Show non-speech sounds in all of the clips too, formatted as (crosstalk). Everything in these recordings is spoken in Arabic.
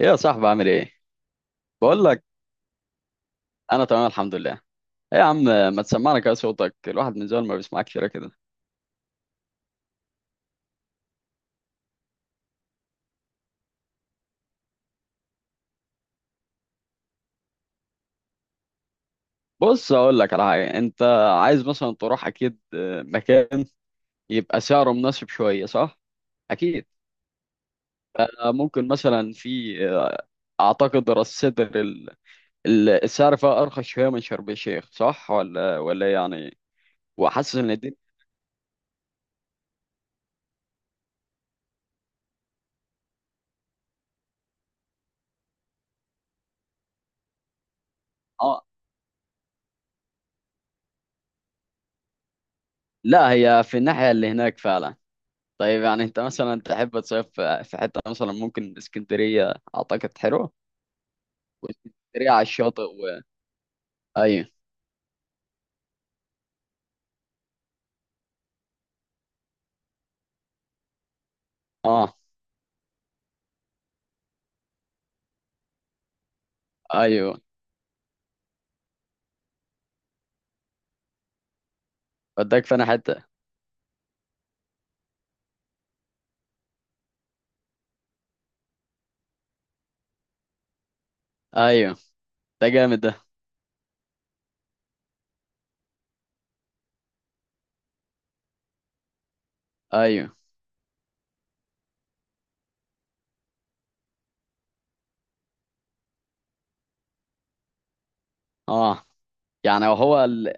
ايه يا صاحبي عامل ايه؟ بقول لك، انا تمام الحمد لله. ايه يا عم، ما تسمعنا كده صوتك، الواحد من زمان ما بيسمعك كده كده. بص اقول لك على حاجه، انت عايز مثلا تروح اكيد مكان يبقى سعره مناسب شويه صح؟ اكيد. ممكن مثلا في اعتقد راس سدر السعر فيها ارخص شويه من شرم الشيخ، صح ولا إيه يعني؟ وحاسس ان دي، اه، لا هي في الناحيه اللي هناك فعلا. طيب يعني انت مثلا تحب تصيف في حته، مثلا ممكن اسكندريه اعتقد حلوه. واسكندريه على الشاطئ و... ايوه، اه، ايوه. وداك فانا حته. ايوه، ده جامد ده. ايوه، اه. يعني هو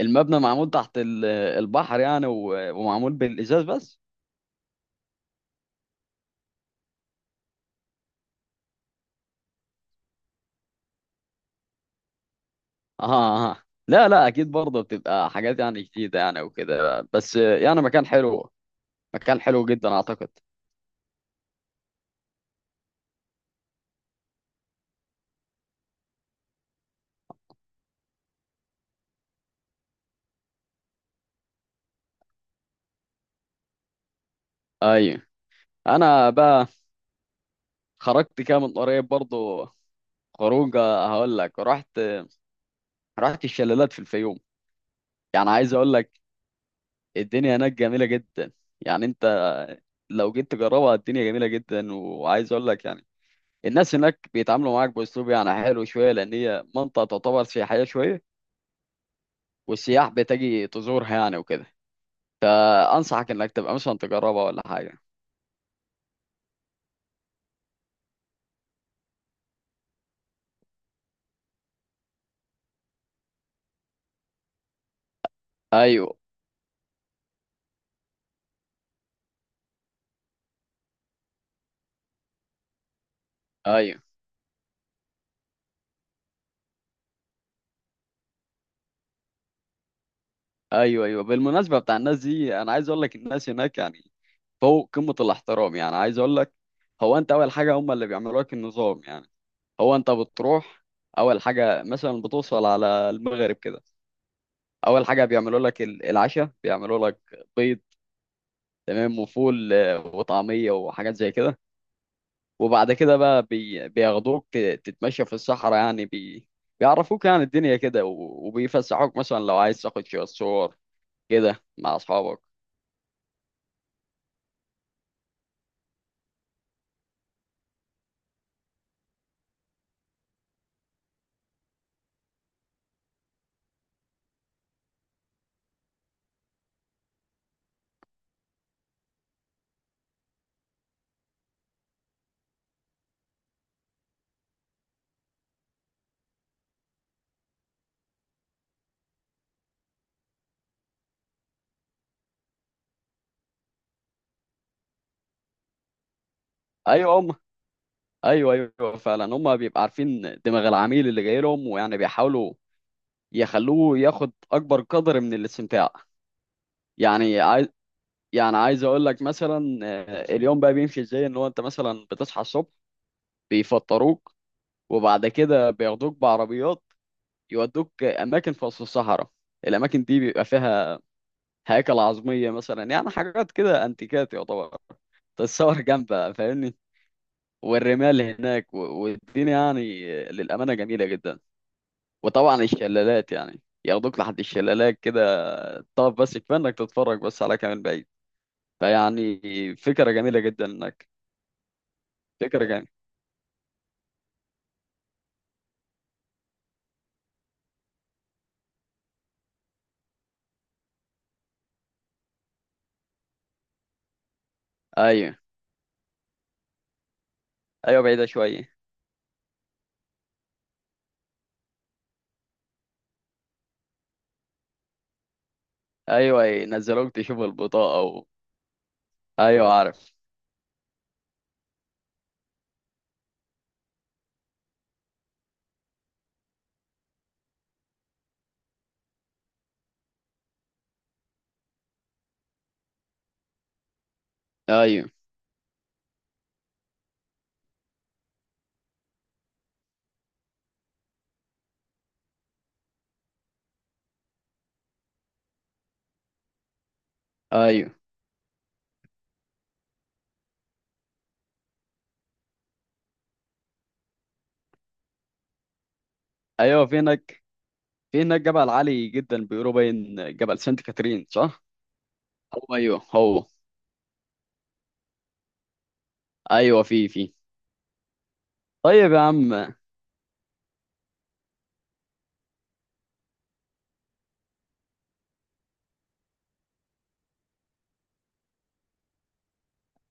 المبنى معمول تحت البحر، يعني ومعمول بالازاز بس. اه، اه، لا، لا، اكيد برضه بتبقى حاجات يعني جديده يعني وكده، بس يعني مكان حلو. مكان حلو جدا اعتقد. ايوه، انا بقى خرجت كده من قريب برضه خروجه، هقول لك. رحت الشلالات في الفيوم. يعني عايز اقول لك، الدنيا هناك جميله جدا. يعني انت لو جيت تجربها الدنيا جميله جدا، وعايز اقول لك يعني الناس هناك بيتعاملوا معاك باسلوب يعني حلو شويه، لان هي منطقه تعتبر سياحيه شويه والسياح بتجي تزورها يعني وكده. فانصحك انك تبقى مثلا تجربها ولا حاجه. ايوه، ايوه، ايوه، ايوه. بالمناسبه بتاع الناس دي، انا عايز اقول لك الناس هناك يعني فوق قمة الاحترام. يعني عايز اقول لك، هو انت اول حاجة هم اللي بيعملوا لك النظام. يعني هو انت بتروح، اول حاجة مثلا بتوصل على المغرب كده، اول حاجة بيعملوا لك العشاء، بيعملوا لك بيض تمام وفول وطعمية وحاجات زي كده. وبعد كده بقى بياخدوك تتمشى في الصحراء، يعني بيعرفوك يعني الدنيا كده، وبيفسحوك مثلا لو عايز تاخد شوية صور كده مع اصحابك. ايوه هم، ايوه، ايوه فعلا. هم بيبقى عارفين دماغ العميل اللي جاي لهم، ويعني بيحاولوا يخلوه ياخد اكبر قدر من الاستمتاع. يعني عايز يعني عايز اقول لك مثلا اليوم بقى بيمشي ازاي، ان هو انت مثلا بتصحى الصبح بيفطروك، وبعد كده بياخدوك بعربيات يودوك اماكن في وسط الصحراء. الاماكن دي بيبقى فيها هياكل عظميه مثلا، يعني حاجات كده انتيكات يعتبر، تتصور جنبها فاهمني. والرمال هناك والدنيا يعني للامانه جميله جدا. وطبعا الشلالات، يعني ياخدوك لحد الشلالات كده، طب بس كفايه انك تتفرج بس على كمان بعيد. فيعني فكره جميله جدا انك، فكره جميله. ايوه، ايوه بعيده شويه. ايوه ينزلوك تشوف البطاقه ايوه عارف. ايوه، ايوه، ايوه. في هناك جبل عالي جدا، بيقولوا باين جبل سانت كاترين صح؟ هو، ايوه هو. ايوه، في. طيب يا عم.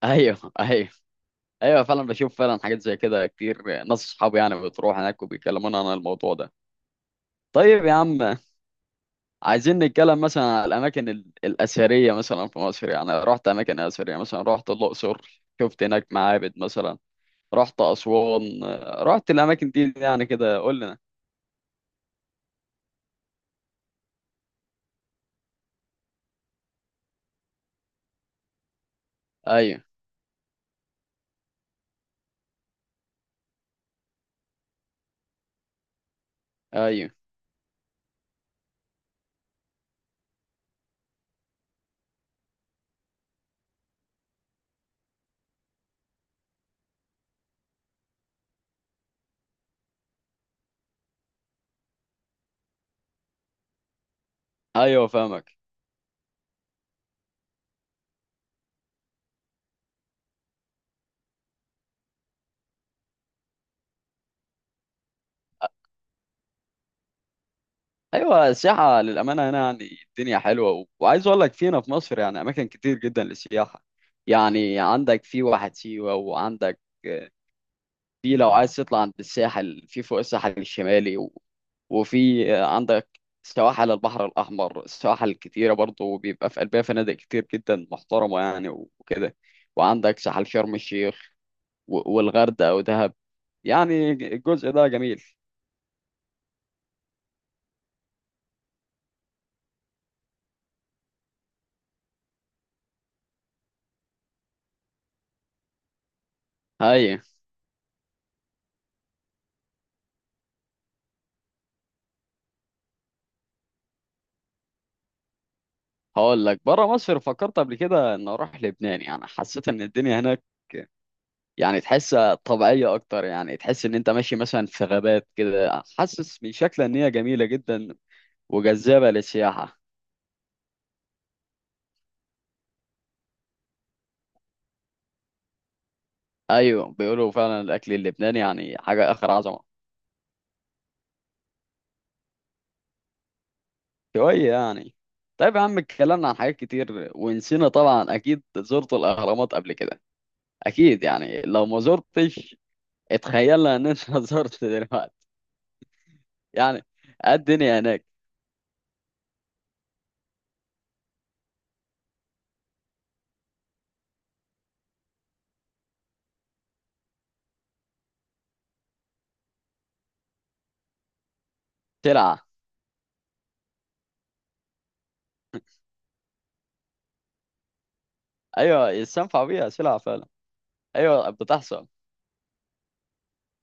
(laughs) ايوه، ايوه، ايوه فعلا، بشوف فعلا حاجات زي كده كتير، ناس اصحابي يعني بتروح هناك وبيكلمونا عن الموضوع ده. طيب يا عم، عايزين نتكلم مثلا على الأماكن الأثرية مثلا في مصر. يعني رحت أماكن أثرية مثلا، رحت الأقصر شفت هناك معابد مثلا، رحت أسوان، رحت الأماكن دي، يعني كده قول لنا. أيوه، أيوه، أيوه فاهمك. أيوه، السياحة للأمانة هنا يعني الدنيا حلوة، وعايز أقول لك فينا في مصر يعني أماكن كتير جدا للسياحة. يعني عندك في واحة سيوة، وعندك في، لو عايز تطلع عند الساحل في فوق الساحل الشمالي وفي عندك سواحل البحر الأحمر، سواحل كتيرة برضه بيبقى في قلبها فنادق كتير جدا محترمة يعني وكده. وعندك ساحل شرم الشيخ والغردقة ودهب. يعني الجزء ده جميل. هاي، هقول لك بره مصر فكرت قبل كده ان اروح لبنان. يعني حسيت ان الدنيا هناك، يعني تحس طبيعية اكتر، يعني تحس ان انت ماشي مثلا في غابات كده، حاسس من شكلها ان هي جميلة جدا وجذابة للسياحة. أيوة، بيقولوا فعلا الأكل اللبناني يعني حاجة آخر عظمة. شوية يعني. طيب يا عم، اتكلمنا عن حاجات كتير ونسينا. طبعا أكيد زرت الأهرامات قبل كده، أكيد يعني لو ما زرتش. اتخيلنا إن أنت (laughs) زرت دلوقتي يعني. إيه الدنيا هناك؟ سلعة. أيوة، يستنفع بيها سلعة فعلا. أيوة بتحصل.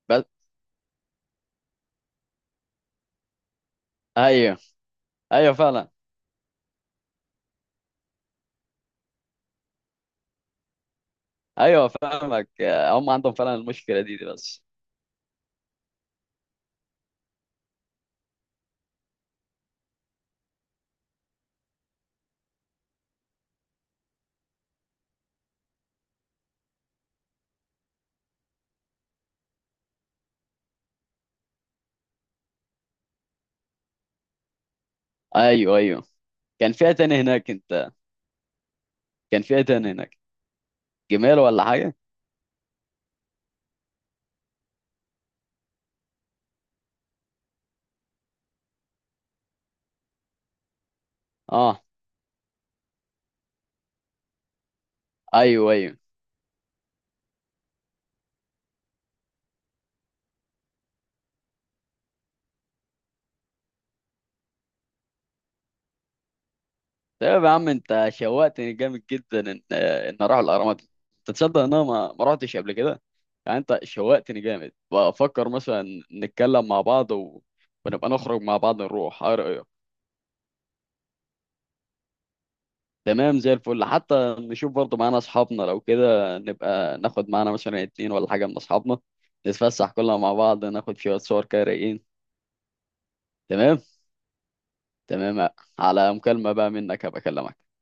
بس، أيوة، أيوة فعلا. أيوة فاهمك. هم عندهم فعلا المشكلة دي، دي بس. أيوة، أيوة. كان فيها تاني هناك أنت؟ كان فيها تاني هناك جمال ولا حاجه؟ اه، ايوه، ايوه. طيب يا عم، انت شوقتني جامد جدا ان اروح الاهرامات. انت تصدق ان انا ما رحتش قبل كده؟ يعني انت شوقتني جامد، بفكر مثلا نتكلم مع بعض ونبقى نخرج مع بعض نروح، ايه رايك؟ تمام زي الفل، حتى نشوف برضه معانا اصحابنا، لو كده نبقى ناخد معانا مثلا اتنين ولا حاجه من اصحابنا، نتفسح كلنا مع بعض ناخد شويه صور كده رايقين. تمام، تمام. على مكالمه بقى منك، هبقى اكلمك.